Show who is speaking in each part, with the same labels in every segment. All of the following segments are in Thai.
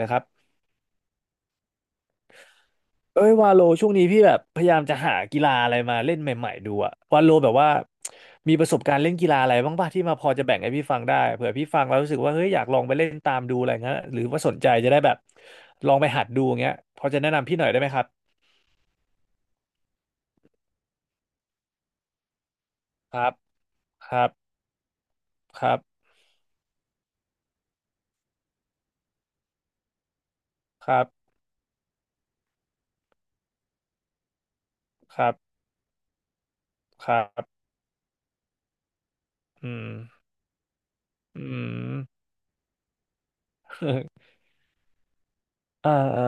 Speaker 1: นะครับเอ้ยวาโลช่วงนี้พี่แบบพยายามจะหากีฬาอะไรมาเล่นใหม่ๆดูอะวาโลแบบว่ามีประสบการณ์เล่นกีฬาอะไรบ้างป่ะที่มาพอจะแบ่งให้พี่ฟังได้เผื่อพี่ฟังแล้วรู้สึกว่าเฮ้ยอยากลองไปเล่นตามดูอะไรเงี้ยหรือว่าสนใจจะได้แบบลองไปหัดดูอย่างเงี้ยพอจะแนะนำพี่หน่อยได้ไหมครับครับครับครับครับครับครับอืมอืมอ่าอ่า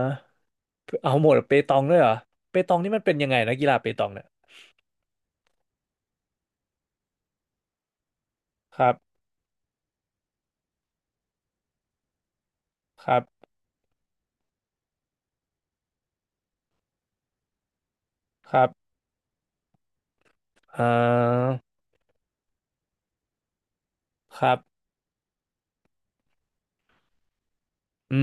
Speaker 1: เอาหมดเปตองด้วยเหรอเปตองนี่มันเป็นยังไงนะกีฬาเปตองเนี่ยครับครับครับอ่าครับ อื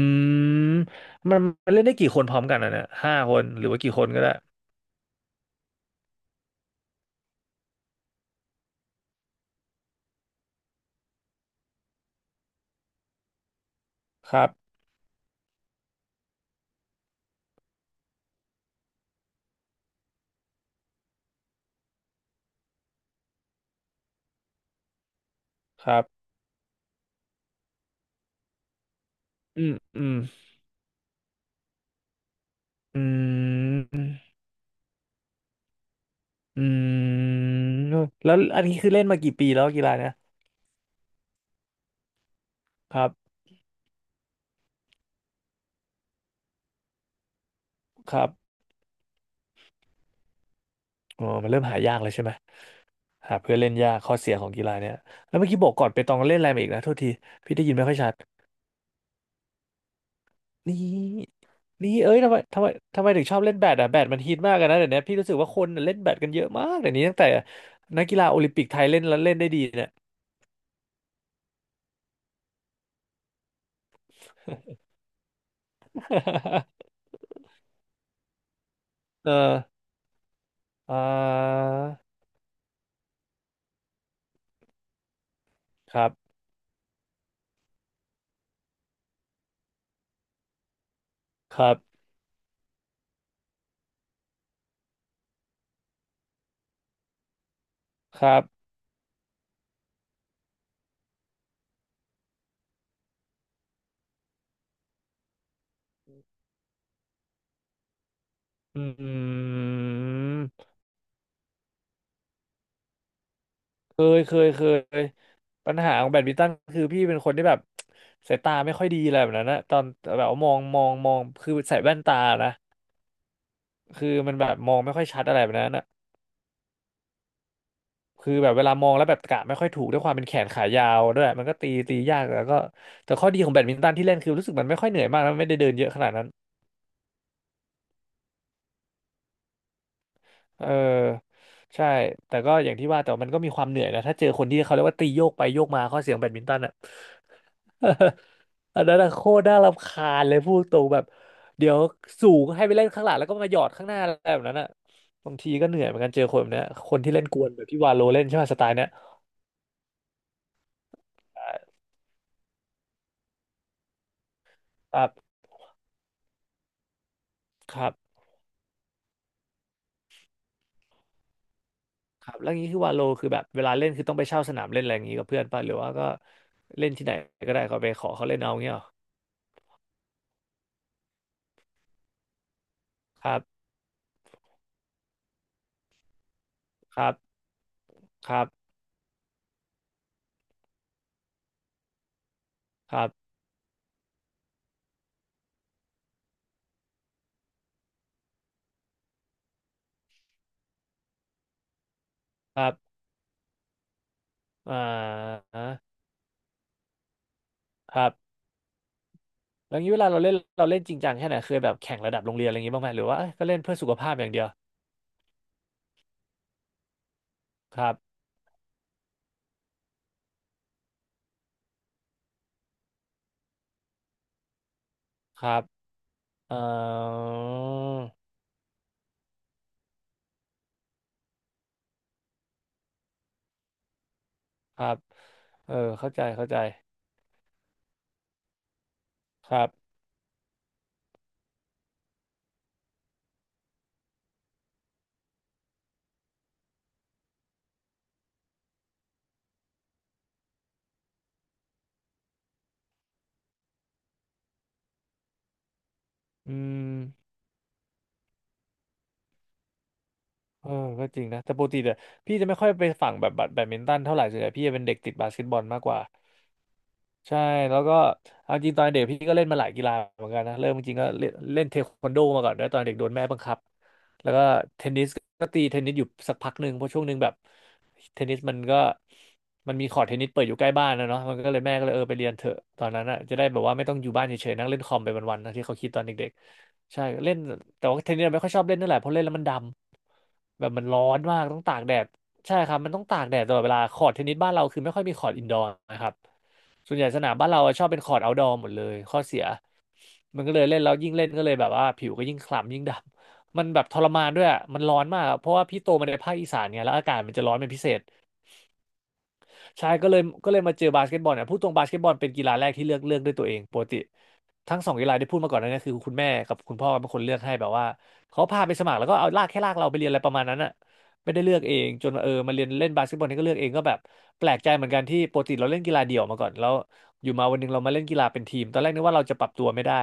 Speaker 1: มมันมันเล่นได้กี่คนพร้อมกันอ่ะเนี่ยห้าคนหรือว่ากี่คนก็ได้ครับครับอืมอืมอืมอืมแล้วอันนี้คือเล่นมากี่ปีแล้วกีฬาเนี่ยครับครับอ๋อมันเริ่มหายากเลยใช่ไหมหาเพื่อนเล่นยากข้อเสียของกีฬาเนี่ยแล้วเมื่อกี้บอกก่อนไปตองเล่นอะไรมาอีกนะโทษทีพี่ได้ยินไม่ค่อยชัดนี่นี่เอ้ยทำไมทำไมถึงชอบเล่นแบดอ่ะแบดมันฮิตมากอะนนะเดี๋ยวนี้พี่รู้สึกว่าคนเล่นแบดกันเยอะมากเดี๋ยวนี้ตั้งแต่นักกีฬาโอลิมปิกไทยเล่นแล้วเล่นได้ดี เอออ่าครับครับครับอืมเคยเคยเคย ปัญหาของแบดมินตันคือพี่เป็นคนที่แบบ สายตาไม่ค่อยดีอะไรแบบนั้นนะตอนแบบว่ามองคือใส่แว่นตานะ คือมันแบบมองไม่ค่อยชัดอะไรแบบนั้นนะคือแบบเวลามองแล้วแบบกะไม่ค่อยถูกด้วยความเป็นแขนขายาวด้วยมันก็ตียากแล้วก็แต่ข้อดีของแบดมินตันที่เล่นคือรู้สึกมันไม่ค่อยเหนื่อยมากแล้วไม่ได้เดินเยอะขนาดนั้น เออใช่แต่ก็อย่างที่ว่าแต่ว่ามันก็มีความเหนื่อยนะถ้าเจอคนที่เขาเรียกว่าตีโยกไปโยกมาข้อเสียงแบดมินตันอ่ะ อันนั้นอะโคตรน่ารำคาญเลยพูดตรงแบบเดี๋ยวสูงให้ไปเล่นข้างหลังแล้วก็มาหยอดข้างหน้าอะไรแบบนั้นอ่ะบางทีก็เหนื่อยเหมือนกันเจอคนแบบเนี้ยคนที่เล่นกวนแบบที่วาโลเล่นใช่ไหมสไตล์เนี้ยครับครับครับแล้วางนี้คือวาโลคือแบบเวลาเล่นคือต้องไปเช่าสนามเล่นอะไรอย่างงี้กับเพื่อนป่ะหรือว่าก็เล่นที่ไหนก็ได้เขาไปขอเขาเล่นเอาเงี้ยเหรอครับครับครับครับ อ่าครับแล้วงี้เวลาเราเล่นเราเล่นจริงจังแค่ไหนเคยแบบแข่งระดับโรงเรียนอะไรอย่างงี้บ้างไหมหรือว่าเอ้ยก็เล่นเพื่อสุขภาพอย่างเดียวครับครับเอ่อครับเออเข้าใจเข้าใจครับอืมเออก็จริงนะแต่ปกติเนี่ยพี่จะไม่ค่อยไปฝั่งแบบแบดแบดมินตันเท่าไหร่ส่วนใหญ่พี่จะเป็นเด็กติดบาสเกตบอลมากกว่า ใช่แล้วก็เอาจริงตอนเด็กพี่ก็เล่นมาหลายกีฬาเหมือนกันนะเริ่มจริงๆก็เล่นเล่นเทควันโดมาก่อนด้วยตอนเด็กโดนแม่บังคับแล้วก็เทนนิสก็ตีเทนนิสอยู่สักพักหนึ่งเพราะช่วงหนึ่งแบบเทนนิสมันก็มันมีคอร์ตเทนนิสเปิดอยู่ใกล้บ้านนะเนาะมันก็เลยแม่ก็เลยเออไปเรียนเถอะตอนนั้นอ่ะจะได้แบบว่าไม่ต้องอยู่บ้านเฉยๆนั่งเล่นคอมไปวันๆนะที่เขาคิดตอนเด็กๆใช่เล่นแต่ว่าเทนนิสไม่ค่อยชอบเล่นเท่าไหร่เพราะเล่นแล้วมันดำแบบมันร้อนมากต้องตากแดดใช่ครับมันต้องตากแดดตลอดเวลาคอร์ตเทนนิสบ้านเราคือไม่ค่อยมีคอร์ตอินดอร์นะครับ ส่วนใหญ่สนามบ้านเราอะชอบเป็นคอร์ตเอาท์ดอร์หมดเลยข้อเสียมันก็เลยเล่นแล้วยิ่งเล่นก็เลยแบบว่าผิวก็ยิ่งคล้ำยิ่งดำมันแบบทรมานด้วยอะมันร้อนมากอะเพราะว่าพี่โตมาในภาคอีสานไงแล้วอากาศมันจะร้อนเป็นพิเศษ ใช่ก็เลยมาเจอบาสเกตบอลเนี่ยพูดตรงบาสเกตบอลเป็นกีฬาแรกที่เลือกด้วยตัวเองปกติทั้งสองกีฬาที่พูดมาก่อนหนั้านเนี่ยคือคุณแม่กับคุณพ่อเป็นคนเลือกให้แบบว่าเขาพาไปสมัครแล้วก็เอาลากแค่ลากเราไปเรียนอะไรประมาณนั้นอะไม่ได้เลือกเองจนมาเรียนเล่นบาสเกตบอลนี่ก็เลือกเองก็แบบแปลกใจเหมือนกันที่ปกติเราเล่นกีฬาเดี่ยวมาก่อนแล้วอยู่มาวันหนึงเรามาเล่นกีฬาเป็นทีมตอนแรกนึกว่าเราจะปรับตัวไม่ได้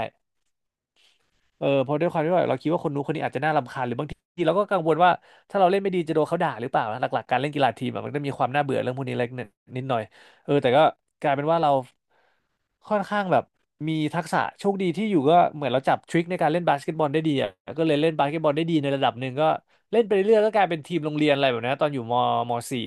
Speaker 1: เออเพราะด้วยความที่ว่าเราคิดว่าคนนู้นคนนี้อาจจะน่ารำคาญหรือบางทีเราก็กังวลว่าถ้าเราเล่นไม่ดีจะโดนเขาด่าหรือเปล่านะหลักๆการเล่นกีฬาทีมอะมันก็มีความน่าเบื่อเรื่องพวกนี้เล็กนิดหน่อยเออแต่ก็กลายเป็นว่าเราค่อนข้างแบบมีทักษะโชคดีที่อยู่ก็เหมือนเราจับทริคในการเล่นบาสเกตบอลได้ดีอะก็เลยเล่นบาสเกตบอลได้ดีในระดับหนึ่งก็เล่นไปเรื่อยๆก็กลายเป็นทีมโรงเรียนอะไรแบบนี้ตอนอยู่ม .4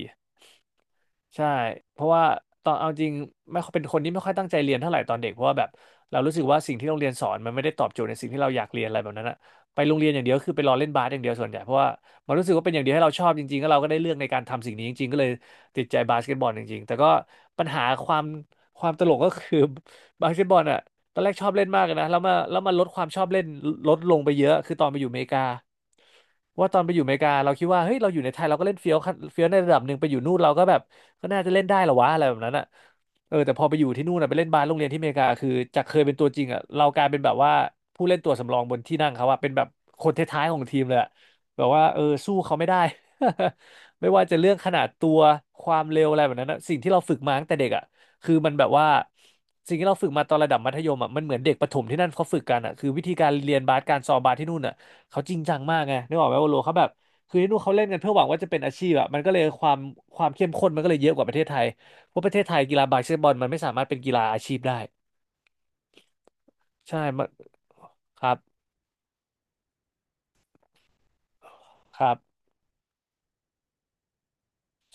Speaker 1: ใช่เพราะว่าตอนเอาจริงไม่ค่อยเป็นคนที่ไม่ค่อยตั้งใจเรียนเท่าไหร่ตอนเด็กเพราะว่าแบบเรารู้สึกว่าสิ่งที่โรงเรียนสอนมันไม่ได้ตอบโจทย์ในสิ่งที่เราอยากเรียนอะไรแบบนั้นอะไปโรงเรียนอย่างเดียวคือไปรอเล่นบาสอย่างเดียวส่วนใหญ่เพราะว่ามันรู้สึกว่าเป็นอย่างเดียวให้เราชอบจริงๆแล้วเราก็ได้เลือกในการทำสิ่งนี้จริงๆก็เลยติดใจบาสเกตบอลจริงๆแต่ก็ปัญหาความตลกก็คือบาสเกตบอลอะตอนแรกชอบเล่นมากเลยนะแล้วมาลดความชอบเล่นลดลงไปเยอะคือตอนไปอยู่อเมริกาว่าตอนไปอยู่อเมริกาเราคิดว่าเฮ้ยเราอยู่ในไทยเราก็เล่นเฟี้ยวขั้นเฟี้ยวในระดับหนึ่งไปอยู่นู่นเราก็แบบ ก็น่าจะเล่นได้เหรอวะอะไรแบบนั้นอ่ะเออแต่พอไปอยู่ที่นู่นอ่ะไปเล่นบาสโรงเรียนที่อเมริกาคือจากเคยเป็นตัวจริงอ่ะเรากลายเป็นแบบว่าผู้เล่นตัวสำรองบนที่นั่งเขาอ่ะเป็นแบบคนท้ายๆของทีมเลยอะแบบว่าเออสู้เขาไม่ได้ ไม่ว่าจะเรื่องขนาดตัวความเร็วอะไรแบบนั้นอะสิ่งที่เราฝึกมาตั้งแต่เด็กอ่ะคือมันแบบว่าสิ่งที่เราฝึกมาตอนระดับมัธยมอ่ะมันเหมือนเด็กประถมที่นั่นเขาฝึกกันอ่ะคือวิธีการเรียนบาสการซ้อมบาสที่นู่นอ่ะเขาจริงจังมากไงนึกออกไหมว่าโลเขาแบบ คือที่นู่นเขาเล่นกันเพื่อหวังว่าจะเป็นอาชีพอะมันก็เลยความเข้มข้นมันก็เลยเยอะกว่าประเทศไทยเพราะประเทศไทยกีฬาบาสเกตบอลมันไม่สามารถเป็นกีฬาอาชีพได้ใช่มันครับครับ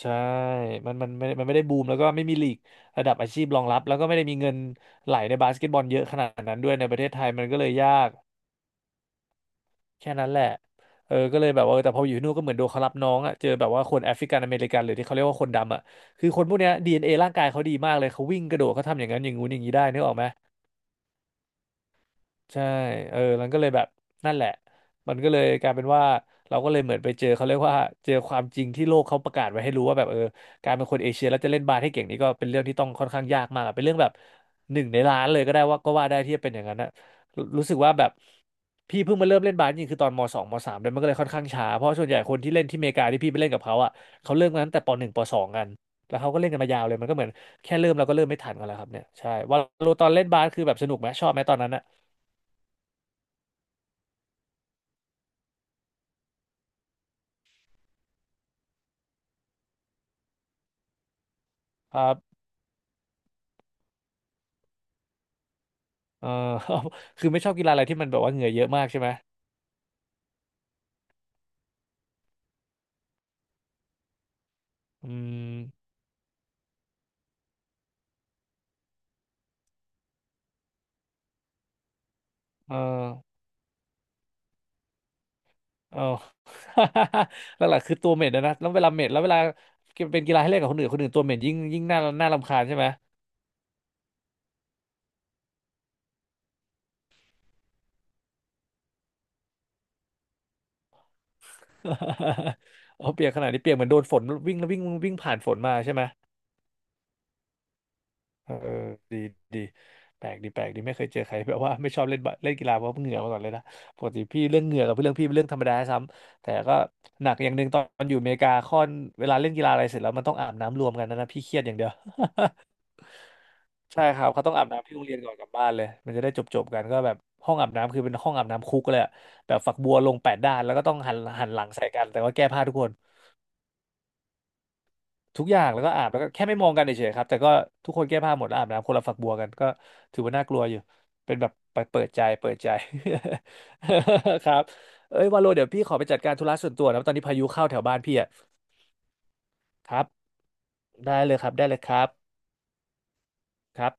Speaker 1: ใช่มันไม่ได้บูมแล้วก็ไม่มีลีกระดับอาชีพรองรับแล้วก็ไม่ได้มีเงินไหลในบาสเกตบอลเยอะขนาดนั้นด้วยในประเทศไทยมันก็เลยยากแค่นั้นแหละเออก็เลยแบบว่าแต่พออยู่ที่นู่นก็เหมือนโดนเขารับน้องอะเจอแบบว่าคนแอฟริกันอเมริกันหรือที่เขาเรียกว่าคนดำอะคือคนพวกเนี้ยดีเอ็น n a ร่างกายเขาดีมากเลยเขาวิ่งกระโดดเขาทำอย่างนั้นอย่างงู้นอย่างนี้ได้นึกออกไหม ใช่เออมันก็เลยแบบนั่นแหละมันก็เลยกลายเป็นว่าเราก็เลยเหมือนไปเจอเขาเรียกว่าเจอความจริงที่โลกเขาประกาศไว้ให้รู้ว่าแบบเออการเป็นคนเอเชียแล้วจะเล่นบาสให้เก่งนี่ก็เป็นเรื่องที่ต้องค่อนข้างยากมากอะเป็นเรื่องแบบหนึ่งในล้านเลยก็ได้ว่าก็ว่าได้ที่จะเป็นอย่างนั้นนะรู้สึกว่าแบบพี่เพิ่งมาเริ่มเล่นบาสจริงๆคือตอนมสองมสามเลยมันก็เลยค่อนข้างช้าเพราะส่วนใหญ่คนที่เล่นที่อเมริกาที่พี่ไปเล่นกับเขาอ่ะเขาเริ่มกันตั้งแต่ปหนึ่งปสองกันแล้วเขาก็เล่นกันมายาวเลยมันก็เหมือนแค่เริ่มเราก็เริ่มไม่ทันกันแล้วครับเนี่ยใช่ว่าโลตอนเล่นบาสคือแบบสนุกไหมชอบไหมตอนนั้นอะ เออ คือไม่ชอบกีฬาอะไรที่มันแบบว่าเหงื่อเยอะมากใช่ไหมอืมเออเออ หลักๆคือตัวเหม็นนะแล้วเวลาเหม็นแล้วเวลาเป็นกีฬาให้เล่นกับคนอื่นคนอื่นตัวเหม็นยิ่งน่ารำคาญใช่ไหม เอาเปียกขนาดนี้เปียกเหมือนโดนฝนวิ่งแล้ววิ่งวิ่งผ่านฝนมาใช่ไหม เออดีดีแปลกดีไม่เคยเจอใคร แบบว่าไม่ชอบเล่นบาเล่นกีฬาเพราะเหงื่อมาก่อนเลยนะปกติพี่เรื่องเหงื่อกับเรื่องพี่เป็นเรื่องธรรมดาซ้ำแต่ก็หนักอย่างหนึ่งตอนอยู่อเมริกาค่อนเวลาเล่นกีฬาอะไรเสร็จแล้วมันต้องอาบน้ำรวมกันนะพี่เครียดอย่างเดียว ใช่ครับเขาต้องอาบน้ำที่โรงเรียนก่อนกลับบ้านเลยมันจะได้จบกันก็แบบห้องอาบน้ำคือเป็นห้องอาบน้ำคุกเลยอะแบบฝักบัวลง8 ด้านแล้วก็ต้องหันหลังใส่กันแต่ว่าแก้ผ้าทุกคน ทุกอย่างแล้วก็อาบแล้วก็แค่ไม่มองกันเฉยๆครับแต่ก็ทุกคนแก้ผ้าหมดแล้วอาบน้ำคนละฝักบัวกันก็ถือว่าน่ากลัวอยู่เป็นแบบไปเปิดใจเปิดใจ ครับเอ้ยวาโลเดี๋ยวพี่ขอไปจัดการธุระส่วนตัวนะตอนนี้พายุเข้าแถวบ้านพี่อ่ะครับได้เลยครับได้เลยครับ